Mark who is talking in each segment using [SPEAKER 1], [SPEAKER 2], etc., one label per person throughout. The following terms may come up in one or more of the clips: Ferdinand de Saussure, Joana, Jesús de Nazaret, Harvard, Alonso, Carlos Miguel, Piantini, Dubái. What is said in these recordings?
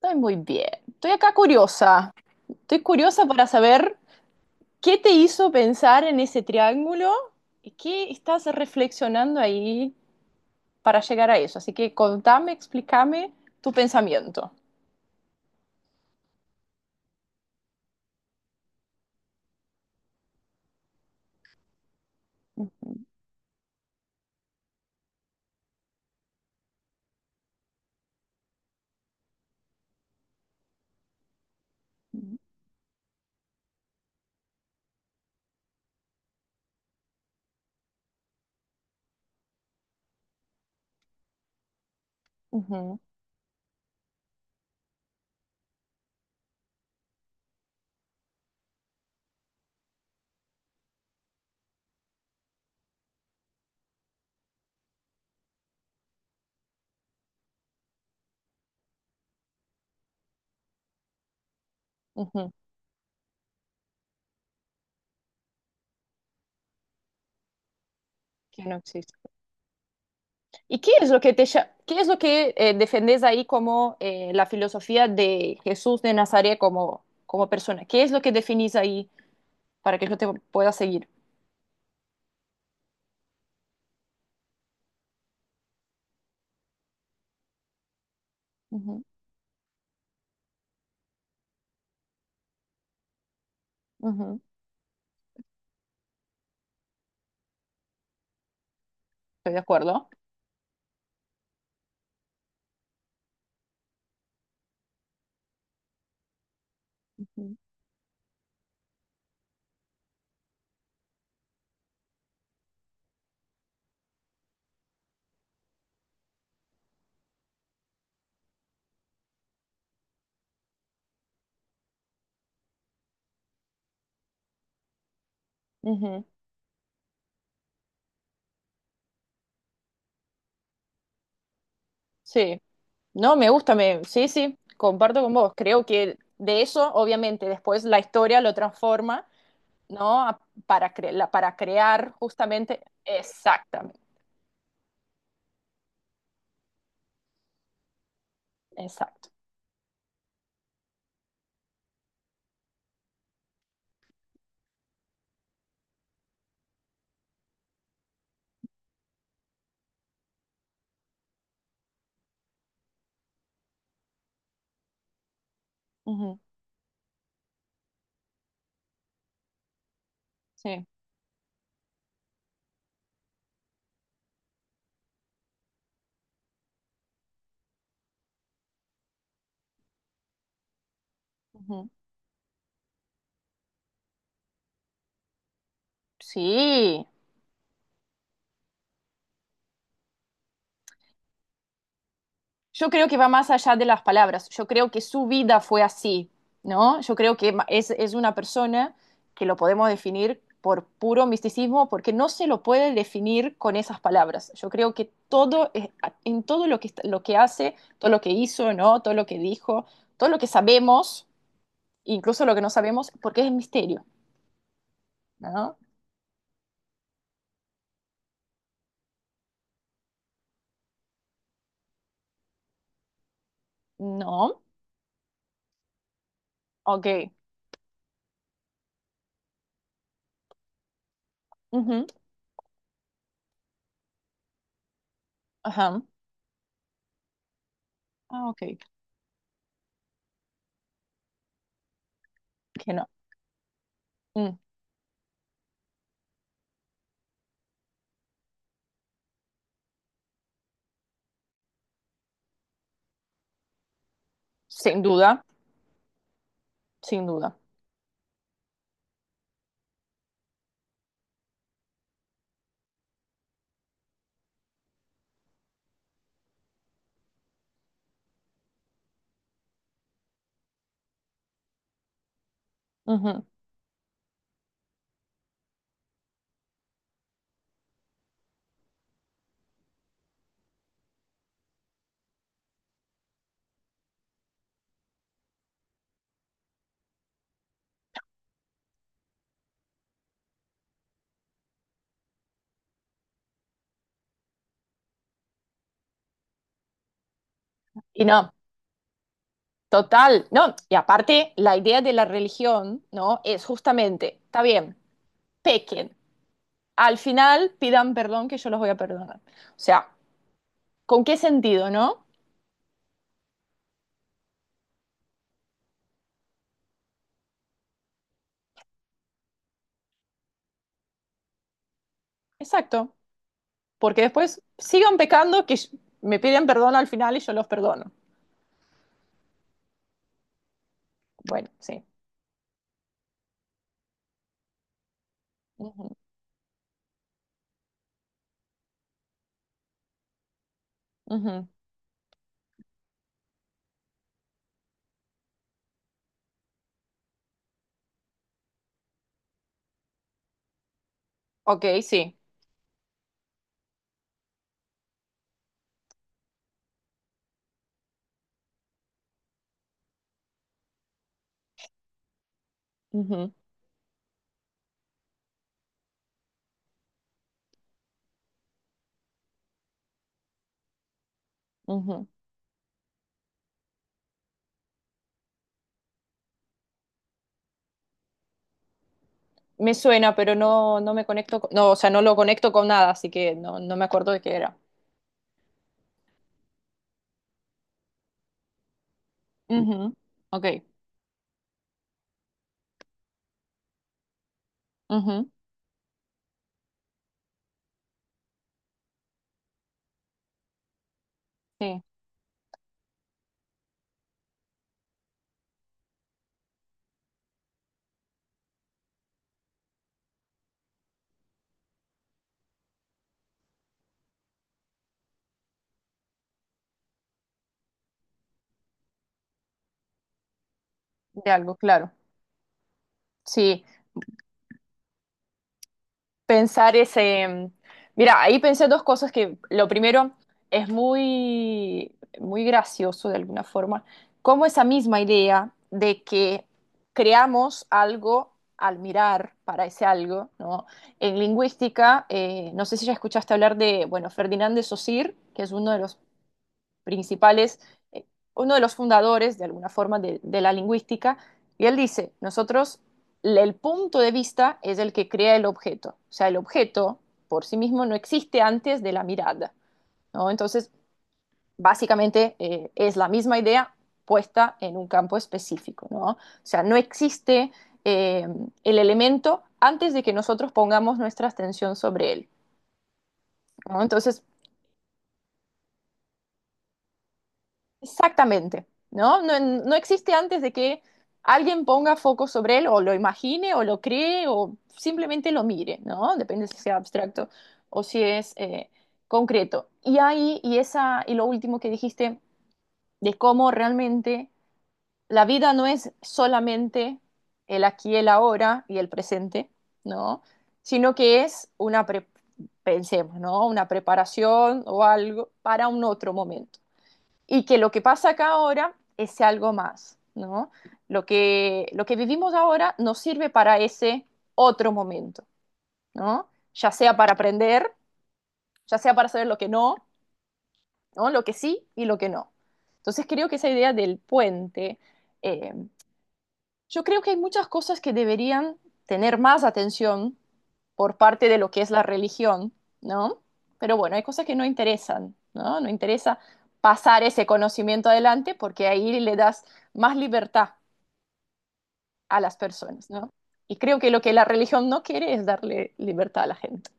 [SPEAKER 1] Estoy muy bien. Estoy acá curiosa. Estoy curiosa para saber qué te hizo pensar en ese triángulo y qué estás reflexionando ahí para llegar a eso. Así que contame, explícame tu pensamiento. Ujú, ujú, ujú. Que no existe. ¿Y qué es lo que te, qué es lo que defendés ahí como la filosofía de Jesús de Nazaret como, como persona? ¿Qué es lo que definís ahí para que yo te pueda seguir? Ujú, ujú. Estoy de acuerdo. Ujú, ujú. Sí, no, me gusta, me, sí, sí, comparto con vos. Creo que de eso, obviamente, después la historia lo transforma, ¿no? A- Para, para crear justamente, exactamente, exacto. Ujú. Sí, ujú. Sí, yo creo que va más allá de las palabras. Yo creo que su vida fue así, ¿no? Yo creo que es una persona que lo podemos definir por puro misticismo porque no se lo puede definir con esas palabras. Yo creo que todo, en todo lo que, lo que hace, todo lo que hizo, ¿no? Todo lo que dijo, todo lo que sabemos, incluso lo que no sabemos, porque es misterio, ¿no? No, ok. Ujú. Ajá. Ah, ok. Que no. Mm, sin duda, sin duda. Ujú. Y no. Total, no, y aparte la idea de la religión, ¿no? Es justamente, está bien, pequen, al final pidan perdón que yo los voy a perdonar. O sea, ¿con qué sentido, no? Exacto, porque después sigan pecando que yo- me piden perdón al final y yo los perdono. Bueno, sí. Ujú, ujú. Ok, sí. Ujú, ujú. Me suena, pero no, no me conecto, con- no, o sea, no lo conecto con nada, así que no, no me acuerdo de qué era. Ujú. Ok, ujú, sí, de algo, claro. Sí, pensar ese... mira, ahí pensé dos cosas que lo primero es muy, muy gracioso de alguna forma, como esa misma idea de que creamos algo al mirar para ese algo, ¿no? En lingüística, no sé si ya escuchaste hablar de, bueno, Ferdinand de Saussure, que es uno de los principales, eh, uno de los fundadores, de alguna forma, de la lingüística, y él dice, nosotros, el punto de vista es el que crea el objeto, o sea, el objeto por sí mismo no existe antes de la mirada, ¿no? Entonces, básicamente es la misma idea puesta en un campo específico, ¿no? O sea, no existe eh, el elemento antes de que nosotros pongamos nuestra atención sobre él. ¿No? Entonces, exactamente, ¿no? No, no existe antes de que alguien ponga foco sobre él o lo imagine o lo cree o simplemente lo mire, ¿no? Depende si sea abstracto o si es concreto. Y ahí, y esa, y lo último que dijiste de cómo realmente la vida no es solamente el aquí, el ahora y el presente, ¿no? Sino que es una, pre- pensemos, ¿no? Una preparación o algo para un otro momento y que lo que pasa acá ahora es algo más, ¿no? Lo que vivimos ahora nos sirve para ese otro momento, ¿no? Ya sea para aprender, ya sea para saber lo que no, ¿no? Lo que sí y lo que no. Entonces creo que esa idea del puente eh, yo creo que hay muchas cosas que deberían tener más atención por parte de lo que es la religión, ¿no? Pero bueno, hay cosas que no interesan, ¿no? No interesa pasar ese conocimiento adelante porque ahí le das más libertad a las personas, ¿no? Y creo que lo que la religión no quiere es darle libertad a la gente.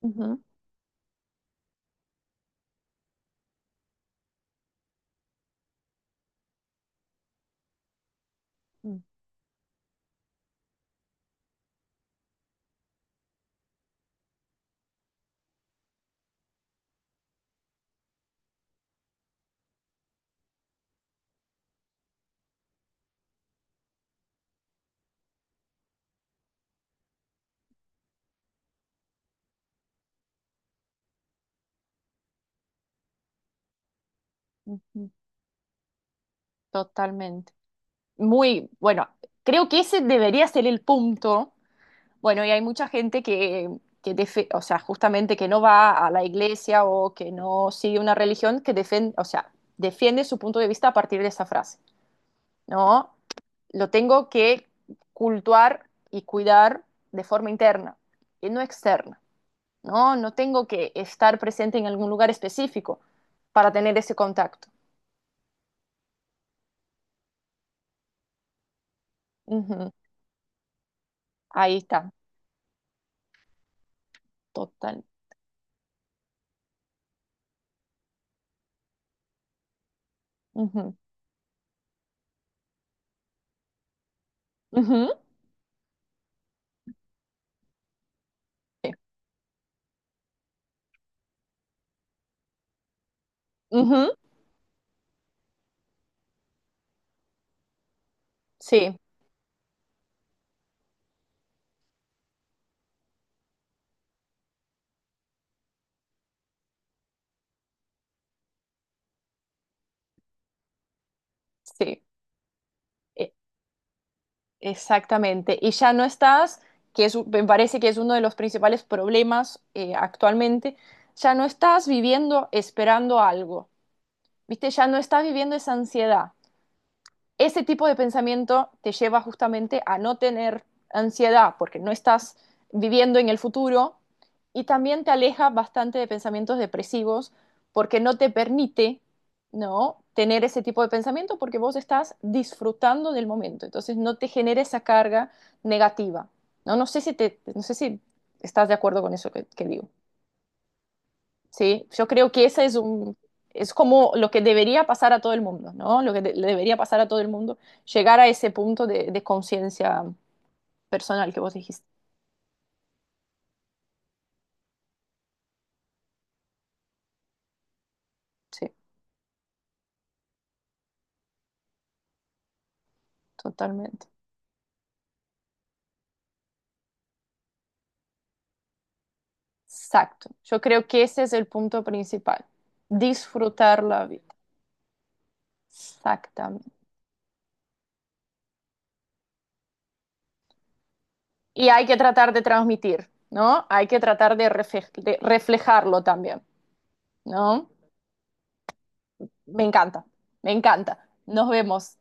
[SPEAKER 1] Ujú, ujú, ujú. Totalmente. Muy, bueno, creo que ese debería ser el punto. Bueno, y hay mucha gente que o sea, justamente que no va a la iglesia o que no sigue una religión que defiende, o sea, defiende su punto de vista a partir de esa frase, ¿no? Lo tengo que cultuar y cuidar de forma interna y no externa, ¿no? No tengo que estar presente en algún lugar específico para tener ese contacto. Ujú. Ahí está, total. Ujú. Ujú. Sí. Ujú. Sí, sí. Eh, exactamente, y ya no estás, que es, me parece que es uno de los principales problemas actualmente, ya no estás viviendo esperando algo, ¿viste? Ya no estás viviendo esa ansiedad, ese tipo de pensamiento te lleva justamente a no tener ansiedad porque no estás viviendo en el futuro y también te aleja bastante de pensamientos depresivos porque no te permite no tener ese tipo de pensamiento porque vos estás disfrutando del momento entonces no te genera esa carga negativa. No, no sé si te, no sé si estás de acuerdo con eso que digo. Sí, yo creo que ese es un, es como lo que debería pasar a todo el mundo, ¿no? Lo que le debería pasar a todo el mundo, llegar a ese punto de conciencia personal que vos dijiste. Sí, totalmente. Exacto. Yo creo que ese es el punto principal. Disfrutar la vida. Exactamente. Y hay que tratar de transmitir, ¿no? Hay que tratar de, de reflejarlo también, ¿no? Me encanta, me encanta. Nos vemos.